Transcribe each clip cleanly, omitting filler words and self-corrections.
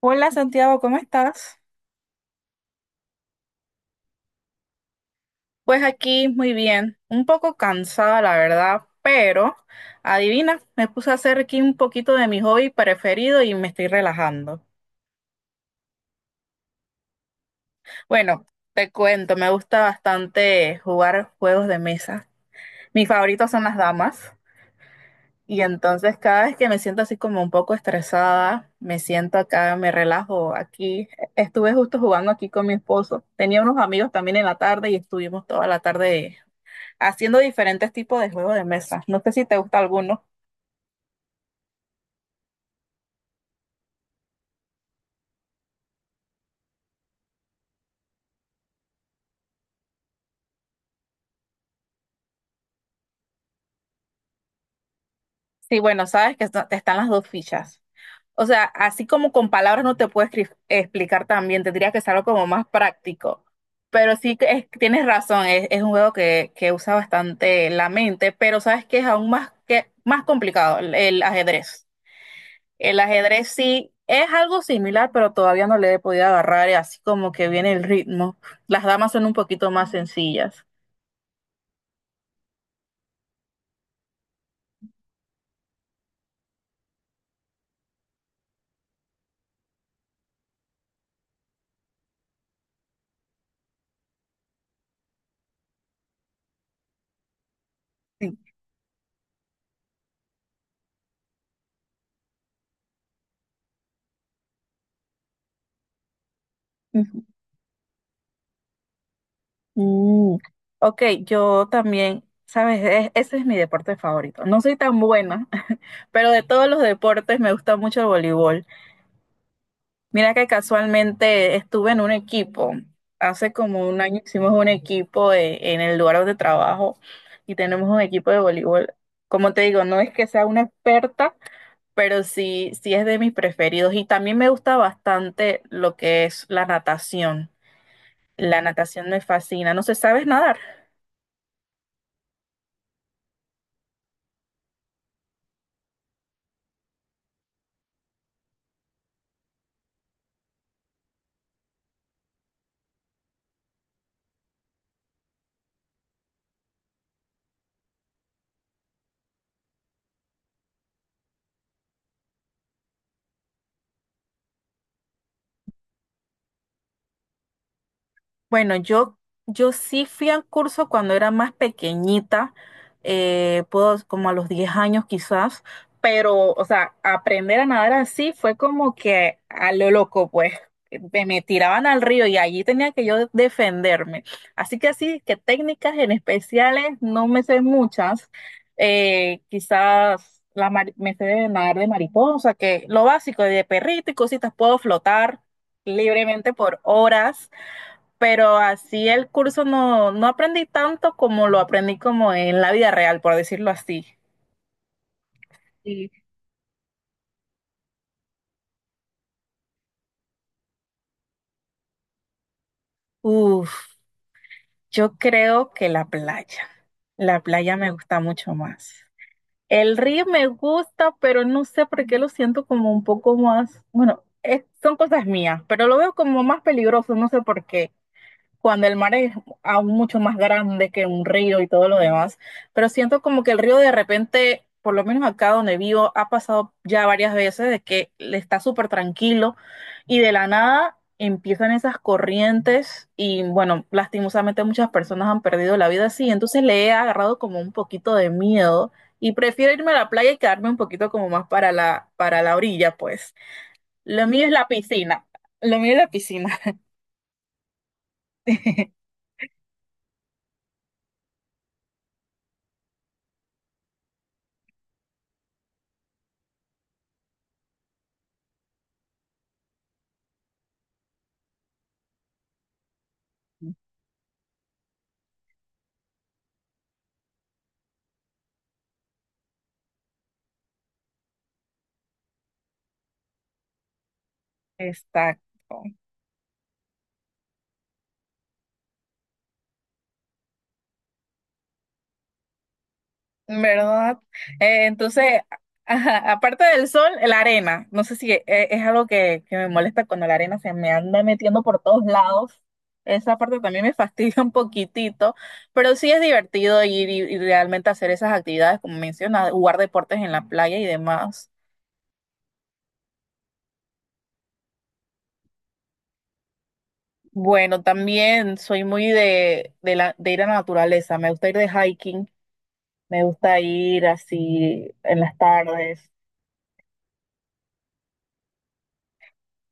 Hola Santiago, ¿cómo estás? Pues aquí muy bien, un poco cansada la verdad, pero adivina, me puse a hacer aquí un poquito de mi hobby preferido y me estoy relajando. Bueno, te cuento, me gusta bastante jugar juegos de mesa. Mis favoritos son las damas y entonces cada vez que me siento así como un poco estresada, me siento acá, me relajo aquí. Estuve justo jugando aquí con mi esposo. Tenía unos amigos también en la tarde y estuvimos toda la tarde haciendo diferentes tipos de juegos de mesa. No sé si te gusta alguno. Sí, bueno, sabes que te están las dos fichas. O sea, así como con palabras no te puedo explicar también, tendría que ser algo como más práctico. Pero sí, tienes razón, es un juego que usa bastante la mente, pero sabes que es aún más, que, más complicado, el ajedrez. El ajedrez sí es algo similar, pero todavía no le he podido agarrar, y así como que viene el ritmo. Las damas son un poquito más sencillas. Sí. Mm, ok, yo también, sabes, ese es mi deporte favorito. No soy tan buena, pero de todos los deportes me gusta mucho el voleibol. Mira que casualmente estuve en un equipo, hace como un año hicimos un equipo en el lugar donde trabajo y tenemos un equipo de voleibol. Como te digo, no es que sea una experta, pero sí, sí es de mis preferidos y también me gusta bastante lo que es la natación. La natación me fascina. No sé, ¿sabes nadar? Bueno, yo sí fui al curso cuando era más pequeñita, puedo, como a los 10 años quizás, pero, o sea, aprender a nadar así fue como que a lo loco, pues, me tiraban al río y allí tenía que yo defenderme. Así que técnicas en especiales no me sé muchas, quizás me sé de nadar de mariposa, que lo básico de perrito y cositas, puedo flotar libremente por horas, pero así el curso no, no aprendí tanto como lo aprendí como en la vida real, por decirlo así. Sí. Uf, yo creo que la playa. La playa me gusta mucho más. El río me gusta, pero no sé por qué lo siento como un poco más, bueno, son cosas mías, pero lo veo como más peligroso, no sé por qué, cuando el mar es aún mucho más grande que un río y todo lo demás, pero siento como que el río de repente, por lo menos acá donde vivo, ha pasado ya varias veces de que le está súper tranquilo y de la nada empiezan esas corrientes y bueno, lastimosamente muchas personas han perdido la vida así, entonces le he agarrado como un poquito de miedo. Y prefiero irme a la playa y quedarme un poquito como más para la orilla, pues. Lo mío es la piscina. Lo mío es la piscina. Exacto. ¿Verdad? Entonces, ajá, aparte del sol, la arena. No sé si es, algo que me molesta cuando la arena se me anda metiendo por todos lados. Esa parte también me fastidia un poquitito, pero sí es divertido ir y realmente hacer esas actividades, como mencionas, jugar deportes en la playa y demás. Bueno, también soy muy de ir a la naturaleza. Me gusta ir de hiking, me gusta ir así en las tardes.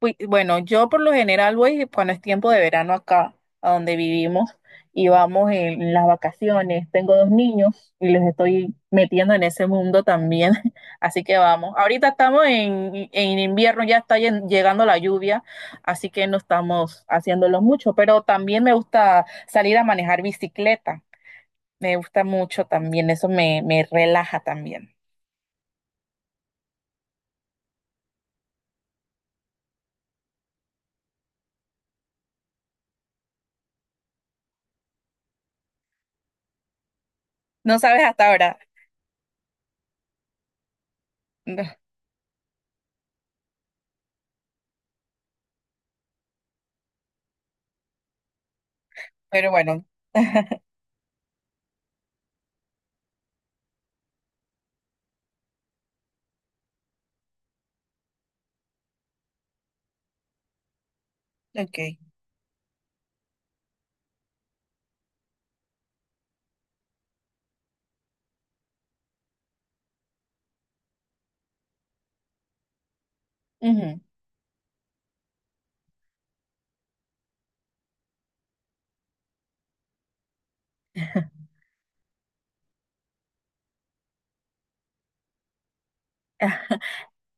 Bueno, yo por lo general voy cuando es tiempo de verano acá, a donde vivimos, y vamos en las vacaciones. Tengo dos niños y los estoy metiendo en ese mundo también, así que vamos. Ahorita estamos en invierno, ya está llegando la lluvia, así que no estamos haciéndolo mucho, pero también me gusta salir a manejar bicicleta, me gusta mucho también, eso me relaja también. No sabes hasta ahora, pero bueno. Ok. Ujú.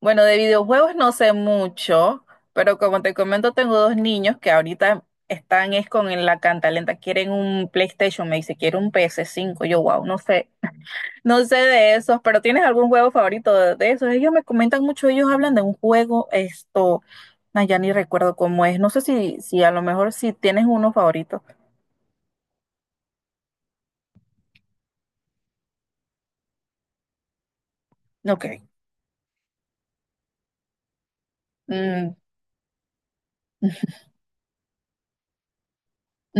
Bueno, de videojuegos no sé mucho, pero como te comento, tengo dos niños que ahorita están es con la cantalenta, quieren un PlayStation, me dice, quiero un PS5, yo wow, no sé, no sé de esos, pero ¿tienes algún juego favorito de esos? Ellos me comentan mucho, ellos hablan de un juego, esto, ay, ya ni recuerdo cómo es, no sé si a lo mejor si tienes uno favorito. Ok, mm,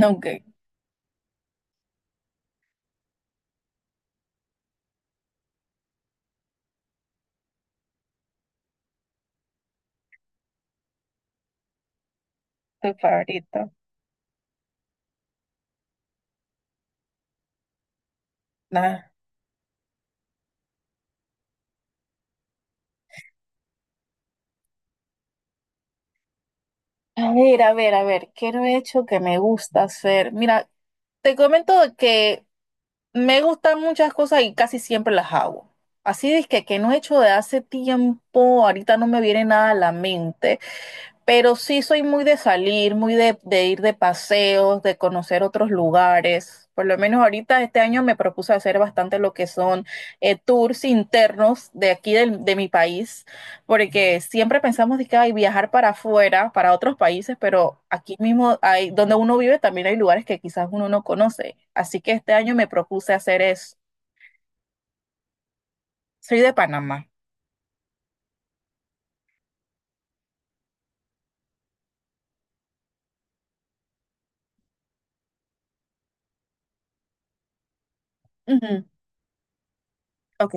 ok, tu favorito. Ah, a ver, a ver, a ver, ¿qué no he hecho que me gusta hacer? Mira, te comento que me gustan muchas cosas y casi siempre las hago. Así es que no he hecho de hace tiempo, ahorita no me viene nada a la mente, pero sí soy muy de salir, muy de ir de paseos, de conocer otros lugares. Por lo menos ahorita este año me propuse hacer bastante lo que son tours internos de aquí de mi país, porque siempre pensamos de que hay viajar para afuera, para otros países, pero aquí mismo hay, donde uno vive también hay lugares que quizás uno no conoce. Así que este año me propuse hacer eso. Soy de Panamá. Ujú. Ok.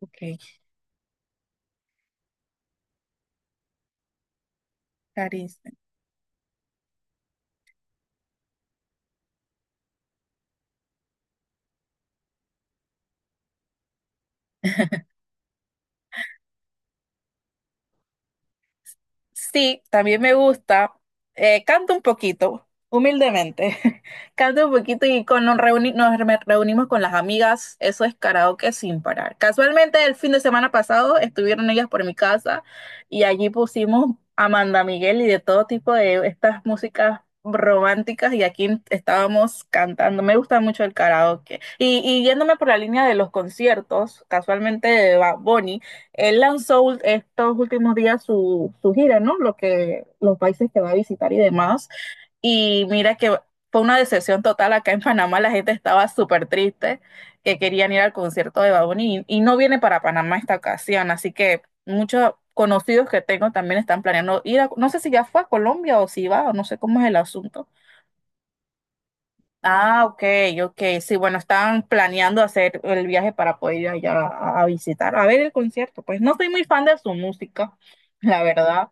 Ok, Caris. Sí, también me gusta. Canto un poquito, humildemente. Canto un poquito y con, nos, reuni- nos re- reunimos con las amigas. Eso es karaoke sin parar. Casualmente el fin de semana pasado estuvieron ellas por mi casa y allí pusimos Amanda Miguel y de todo tipo de estas músicas románticas y aquí estábamos cantando. Me gusta mucho el karaoke. Y yéndome por la línea de los conciertos, casualmente de Bonnie él lanzó estos últimos días su gira, ¿no? Los países que va a visitar y demás. Y mira que fue una decepción total. Acá en Panamá la gente estaba súper triste, que querían ir al concierto de Bad Bunny y no viene para Panamá esta ocasión. Así que muchos conocidos que tengo también están planeando ir a, no sé si ya fue a Colombia o si va, o no sé cómo es el asunto. Ah, ok, ok. Sí, bueno, estaban planeando hacer el viaje para poder ir allá a, visitar, a ver el concierto. Pues no soy muy fan de su música, la verdad,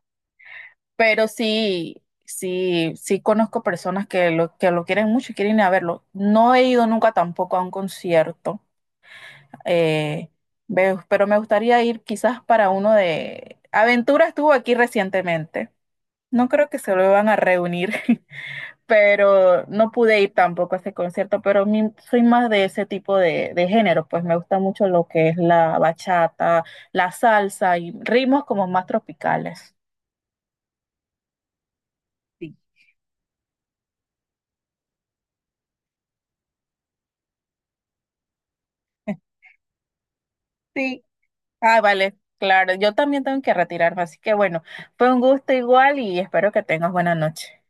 pero sí, sí, sí conozco personas que lo quieren mucho y quieren ir a verlo. No he ido nunca tampoco a un concierto, eh, pero me gustaría ir quizás para uno de. Aventura estuvo aquí recientemente. No creo que se lo van a reunir. Pero no pude ir tampoco a ese concierto, pero soy más de ese tipo de género, pues me gusta mucho lo que es la bachata, la salsa y ritmos como más tropicales. Sí. Sí. Ah, vale, claro, yo también tengo que retirarme, así que bueno, fue un gusto igual y espero que tengas buena noche.